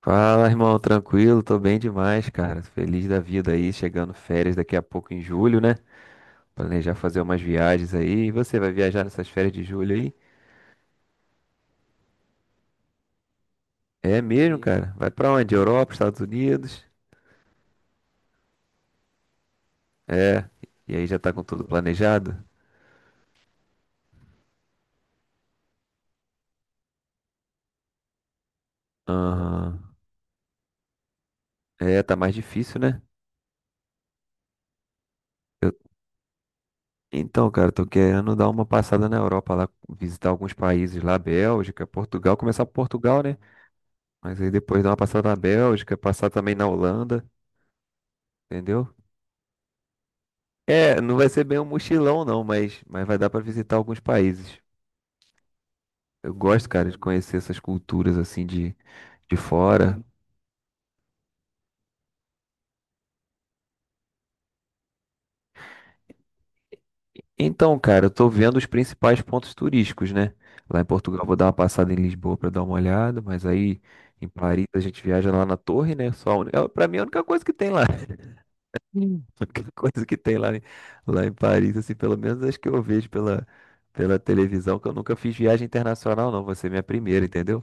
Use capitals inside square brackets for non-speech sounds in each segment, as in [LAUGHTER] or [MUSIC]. Fala, irmão, tranquilo? Tô bem demais, cara. Feliz da vida aí, chegando férias daqui a pouco em julho, né? Planejar fazer umas viagens aí. E você vai viajar nessas férias de julho aí? É mesmo, cara. Vai pra onde? Europa, Estados Unidos? É. E aí já tá com tudo planejado? Aham. É, tá mais difícil, né? Então, cara, tô querendo dar uma passada na Europa lá, visitar alguns países lá, Bélgica, Portugal, começar por Portugal, né? Mas aí depois dar uma passada na Bélgica, passar também na Holanda, entendeu? É, não vai ser bem um mochilão não, mas vai dar pra visitar alguns países. Eu gosto, cara, de conhecer essas culturas assim de fora. Então, cara, eu tô vendo os principais pontos turísticos, né? Lá em Portugal eu vou dar uma passada em Lisboa pra dar uma olhada, mas aí em Paris a gente viaja lá na torre, né? É, pra mim é a única coisa que tem lá. [LAUGHS] Hum. A única coisa que tem lá, em- Lá em Paris, assim, pelo menos acho que eu vejo pela televisão, que eu nunca fiz viagem internacional, não. Vai ser minha primeira, entendeu?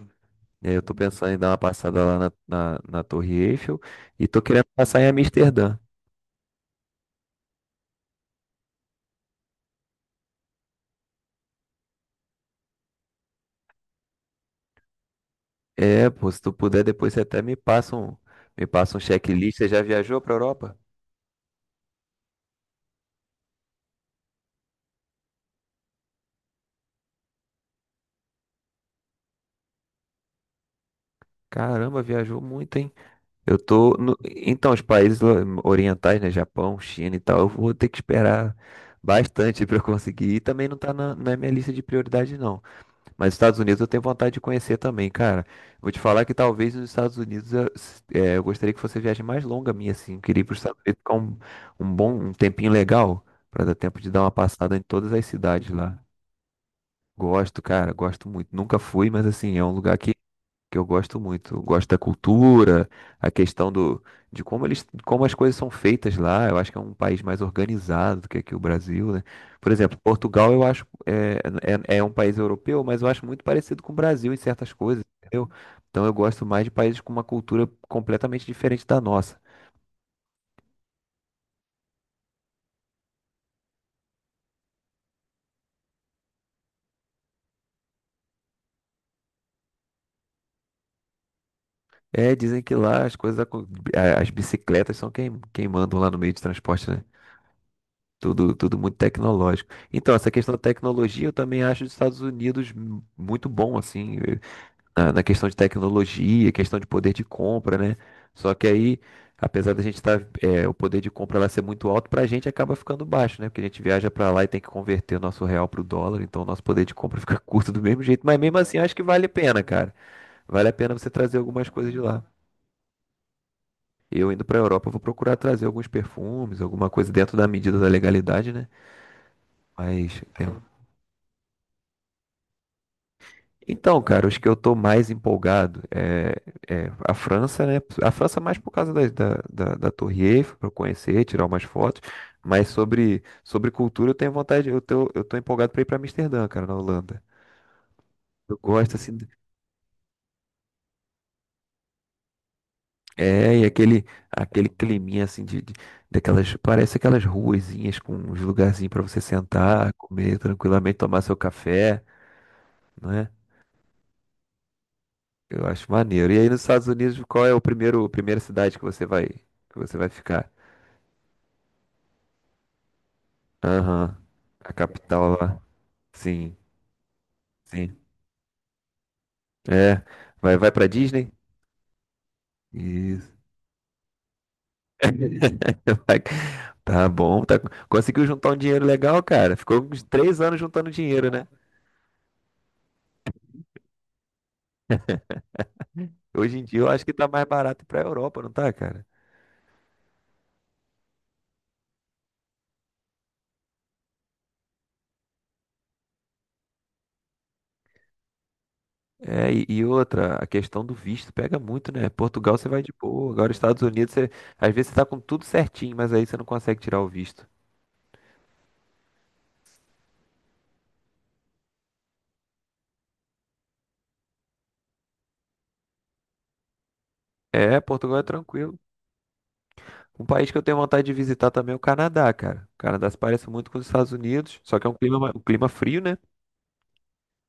E aí eu tô pensando em dar uma passada na Torre Eiffel e tô querendo passar em Amsterdã. É, pô, se tu puder, depois você até me passa um checklist. Você já viajou pra Europa? Caramba, viajou muito, hein? Eu tô no- Então, orientais, né? Japão, China e tal, eu vou ter que esperar bastante [LAUGHS] pra eu conseguir. E também não tá na minha lista de prioridade, não. Mas os Estados Unidos eu tenho vontade de conhecer também, cara. Vou te falar que talvez os Estados Unidos eu, é, eu gostaria que fosse a viagem mais longa minha, assim. Eu queria ir para os Estados Unidos ficar um bom, um tempinho legal, para dar tempo de dar uma passada em todas as cidades lá. Gosto, cara, gosto muito. Nunca fui, mas assim, é um lugar que eu gosto muito. Eu gosto da cultura, a questão do, de como eles, como as coisas são feitas lá. Eu acho que é um país mais organizado do que aqui o Brasil, né? Por exemplo, Portugal eu acho é, é, é um país europeu, mas eu acho muito parecido com o Brasil em certas coisas, entendeu? Então eu gosto mais de países com uma cultura completamente diferente da nossa. É, dizem que lá as as bicicletas são quem, quem mandam lá no meio de transporte, né? Tudo muito tecnológico. Então, essa questão da tecnologia, eu também acho os Estados Unidos muito bom, assim, na questão de tecnologia, questão de poder de compra, né? Só que aí, apesar da gente estar, o poder de compra lá ser muito alto, pra gente acaba ficando baixo, né? Porque a gente viaja pra lá e tem que converter o nosso real pro dólar, então o nosso poder de compra [LAUGHS] fica curto do mesmo jeito. Mas mesmo assim, eu acho que vale a pena, cara. Vale a pena você trazer algumas coisas de lá. Eu indo pra Europa, eu vou procurar trazer alguns perfumes, alguma coisa dentro da medida da legalidade, né? Mas é, então, cara, os que eu tô mais empolgado é, é a França, né? A França mais por causa da Torre Eiffel, para conhecer, tirar umas fotos. Mas sobre cultura, eu tenho eu tô empolgado para ir para Amsterdã, cara, na Holanda. Eu gosto, assim, é, e aquele, aquele climinha, assim, daquelas, parece aquelas ruazinhas com uns lugarzinhos para você sentar, comer tranquilamente, tomar seu café, né? Eu acho maneiro. E aí nos Estados Unidos, qual é primeira cidade que que você vai ficar? Aham. A capital lá. Sim, sim. É. Vai pra Disney? Isso. [LAUGHS] Vai- Tá bom, tá... conseguiu juntar um dinheiro legal, cara. Ficou uns 3 anos juntando dinheiro, né? Hoje em dia eu acho que tá mais barato ir pra Europa, não tá, cara? É, e outra, a questão do visto pega muito, né? Portugal você vai de boa, agora às vezes você tá com tudo certinho, mas aí você não consegue tirar o visto. É, Portugal é tranquilo. Um país que eu tenho vontade de visitar também é o Canadá, cara. O Canadá se parece muito com os Estados Unidos, só que é um um clima frio, né?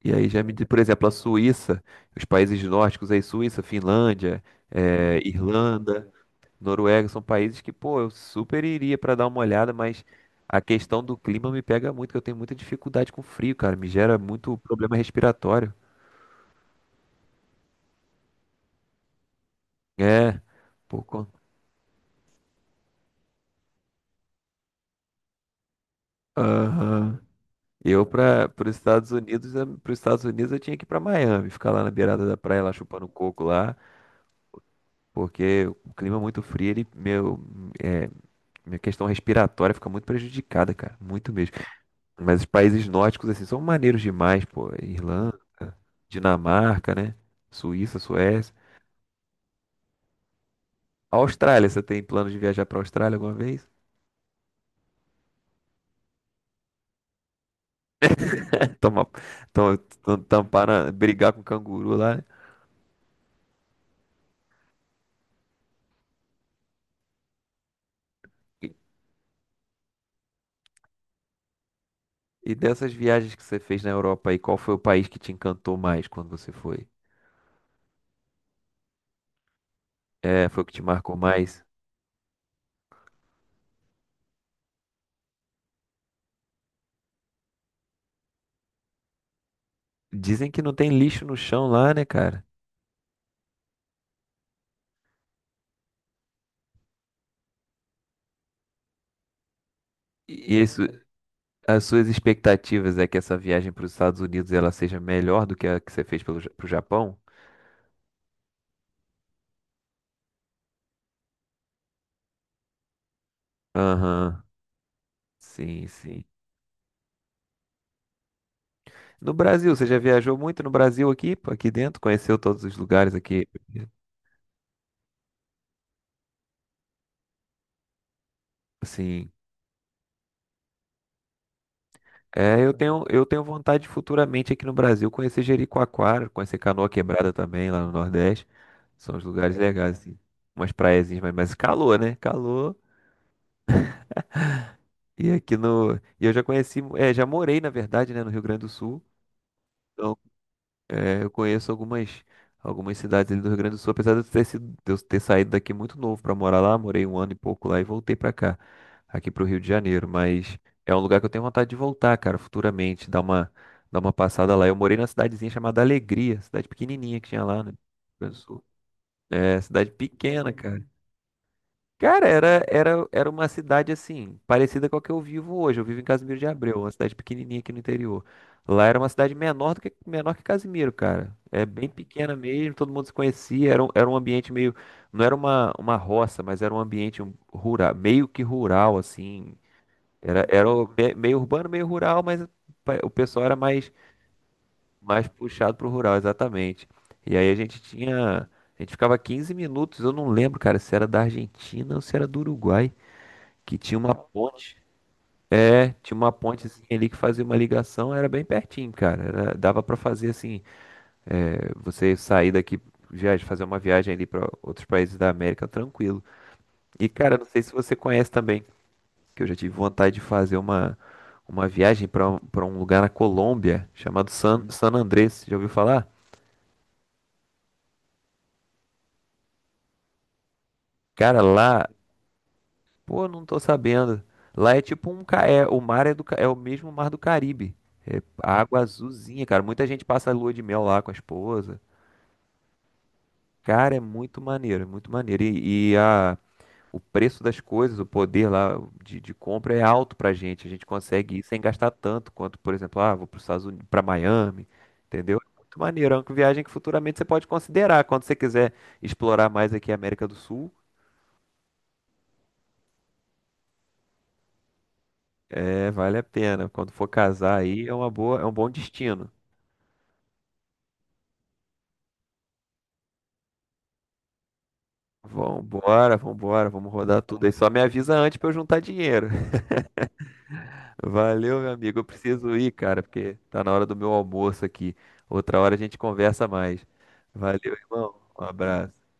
E aí já me diz, por exemplo, a Suíça, os países nórdicos aí, Suíça, Finlândia, Irlanda, Noruega, são países que, pô, eu super iria pra dar uma olhada, mas a questão do clima me pega muito, que eu tenho muita dificuldade com frio, cara. Me gera muito problema respiratório. É, pô. Con- Aham. Eu para os Estados Unidos, para os Estados Unidos eu tinha que ir para Miami, ficar lá na beirada da praia, lá chupando coco lá, porque o clima é muito frio, é, minha questão respiratória fica muito prejudicada, cara, muito mesmo. Mas os países nórdicos assim são maneiros demais, pô, Irlanda, Dinamarca, né? Suíça, Suécia. Austrália, você tem plano de viajar para Austrália alguma vez? [LAUGHS] Tomar, tom- tom- tampar na- brigar com canguru lá. Né? E dessas viagens que você fez na Europa aí, qual foi o país que te encantou mais quando você foi? É, foi o que te marcou mais? Dizem que não tem lixo no chão lá, né, cara? E isso, as suas expectativas é que essa viagem para os Estados Unidos ela seja melhor do que a que você fez pelo, Ja- pro Japão? Aham, sim, sim. No Brasil, você já viajou muito no Brasil aqui, pô, aqui dentro? Conheceu todos os lugares aqui? Sim. É, eu tenho vontade de futuramente aqui no Brasil conhecer Jericoacoara, conhecer Canoa Quebrada também lá no Nordeste. São os lugares legais, assim. Umas praiazinhas, mas calor, né? Calor. E aqui no. E eu já conheci, é, já morei, na verdade, né, no Rio Grande do Sul. Então, é, eu conheço algumas cidades ali do Rio Grande do Sul, apesar de de eu ter saído daqui muito novo para morar lá, morei um ano e pouco lá e voltei para cá, aqui para o Rio de Janeiro, mas é um lugar que eu tenho vontade de voltar, cara, futuramente, dar uma passada lá. Eu morei numa cidadezinha chamada Alegria, cidade pequenininha que tinha lá, né, no Rio Grande do Sul. É, cidade pequena, cara. Cara, era uma cidade assim, parecida com a que eu vivo hoje. Eu vivo em Casimiro de Abreu, uma cidade pequenininha aqui no interior. Lá era uma cidade menor do que menor que Casimiro, cara. É bem pequena mesmo, todo mundo se conhecia. Era, era um ambiente meio. Não era uma roça, mas era um ambiente rural, meio que rural, assim. Meio urbano, meio rural, mas o pessoal mais puxado pro rural, exatamente. E aí a gente tinha. A gente ficava 15 minutos, eu não lembro, cara, se era da Argentina ou se era do Uruguai que tinha tinha uma pontezinha ali que fazia uma ligação, era bem pertinho, cara. Era- dava pra fazer assim, é, você sair daqui, viajar, fazer uma viagem ali pra outros países da América tranquilo. E cara, não sei se você conhece também, que eu já tive vontade de fazer uma viagem pra para um lugar na Colômbia chamado San Andrés. Já ouviu falar? Cara, lá, pô, não tô sabendo. Lá é tipo o mar é é o mesmo mar do Caribe. É água azulzinha, cara. Muita gente passa lua de mel lá com a esposa. Cara, é muito maneiro, é muito maneiro. O preço das coisas, o poder lá de compra é alto pra gente. A gente consegue ir sem gastar tanto quanto, por exemplo, ah, vou para Estados Unidos, para Miami, entendeu? É muito maneiro. É uma viagem que futuramente você pode considerar. Quando você quiser explorar mais aqui a América do Sul, é, vale a pena. Quando for casar aí, é uma boa, é um bom destino. Vambora, vambora, vamos rodar tudo aí. Só me avisa antes pra eu juntar dinheiro. Valeu, meu amigo. Eu preciso ir, cara, porque tá na hora do meu almoço aqui. Outra hora a gente conversa mais. Valeu, irmão. Um abraço.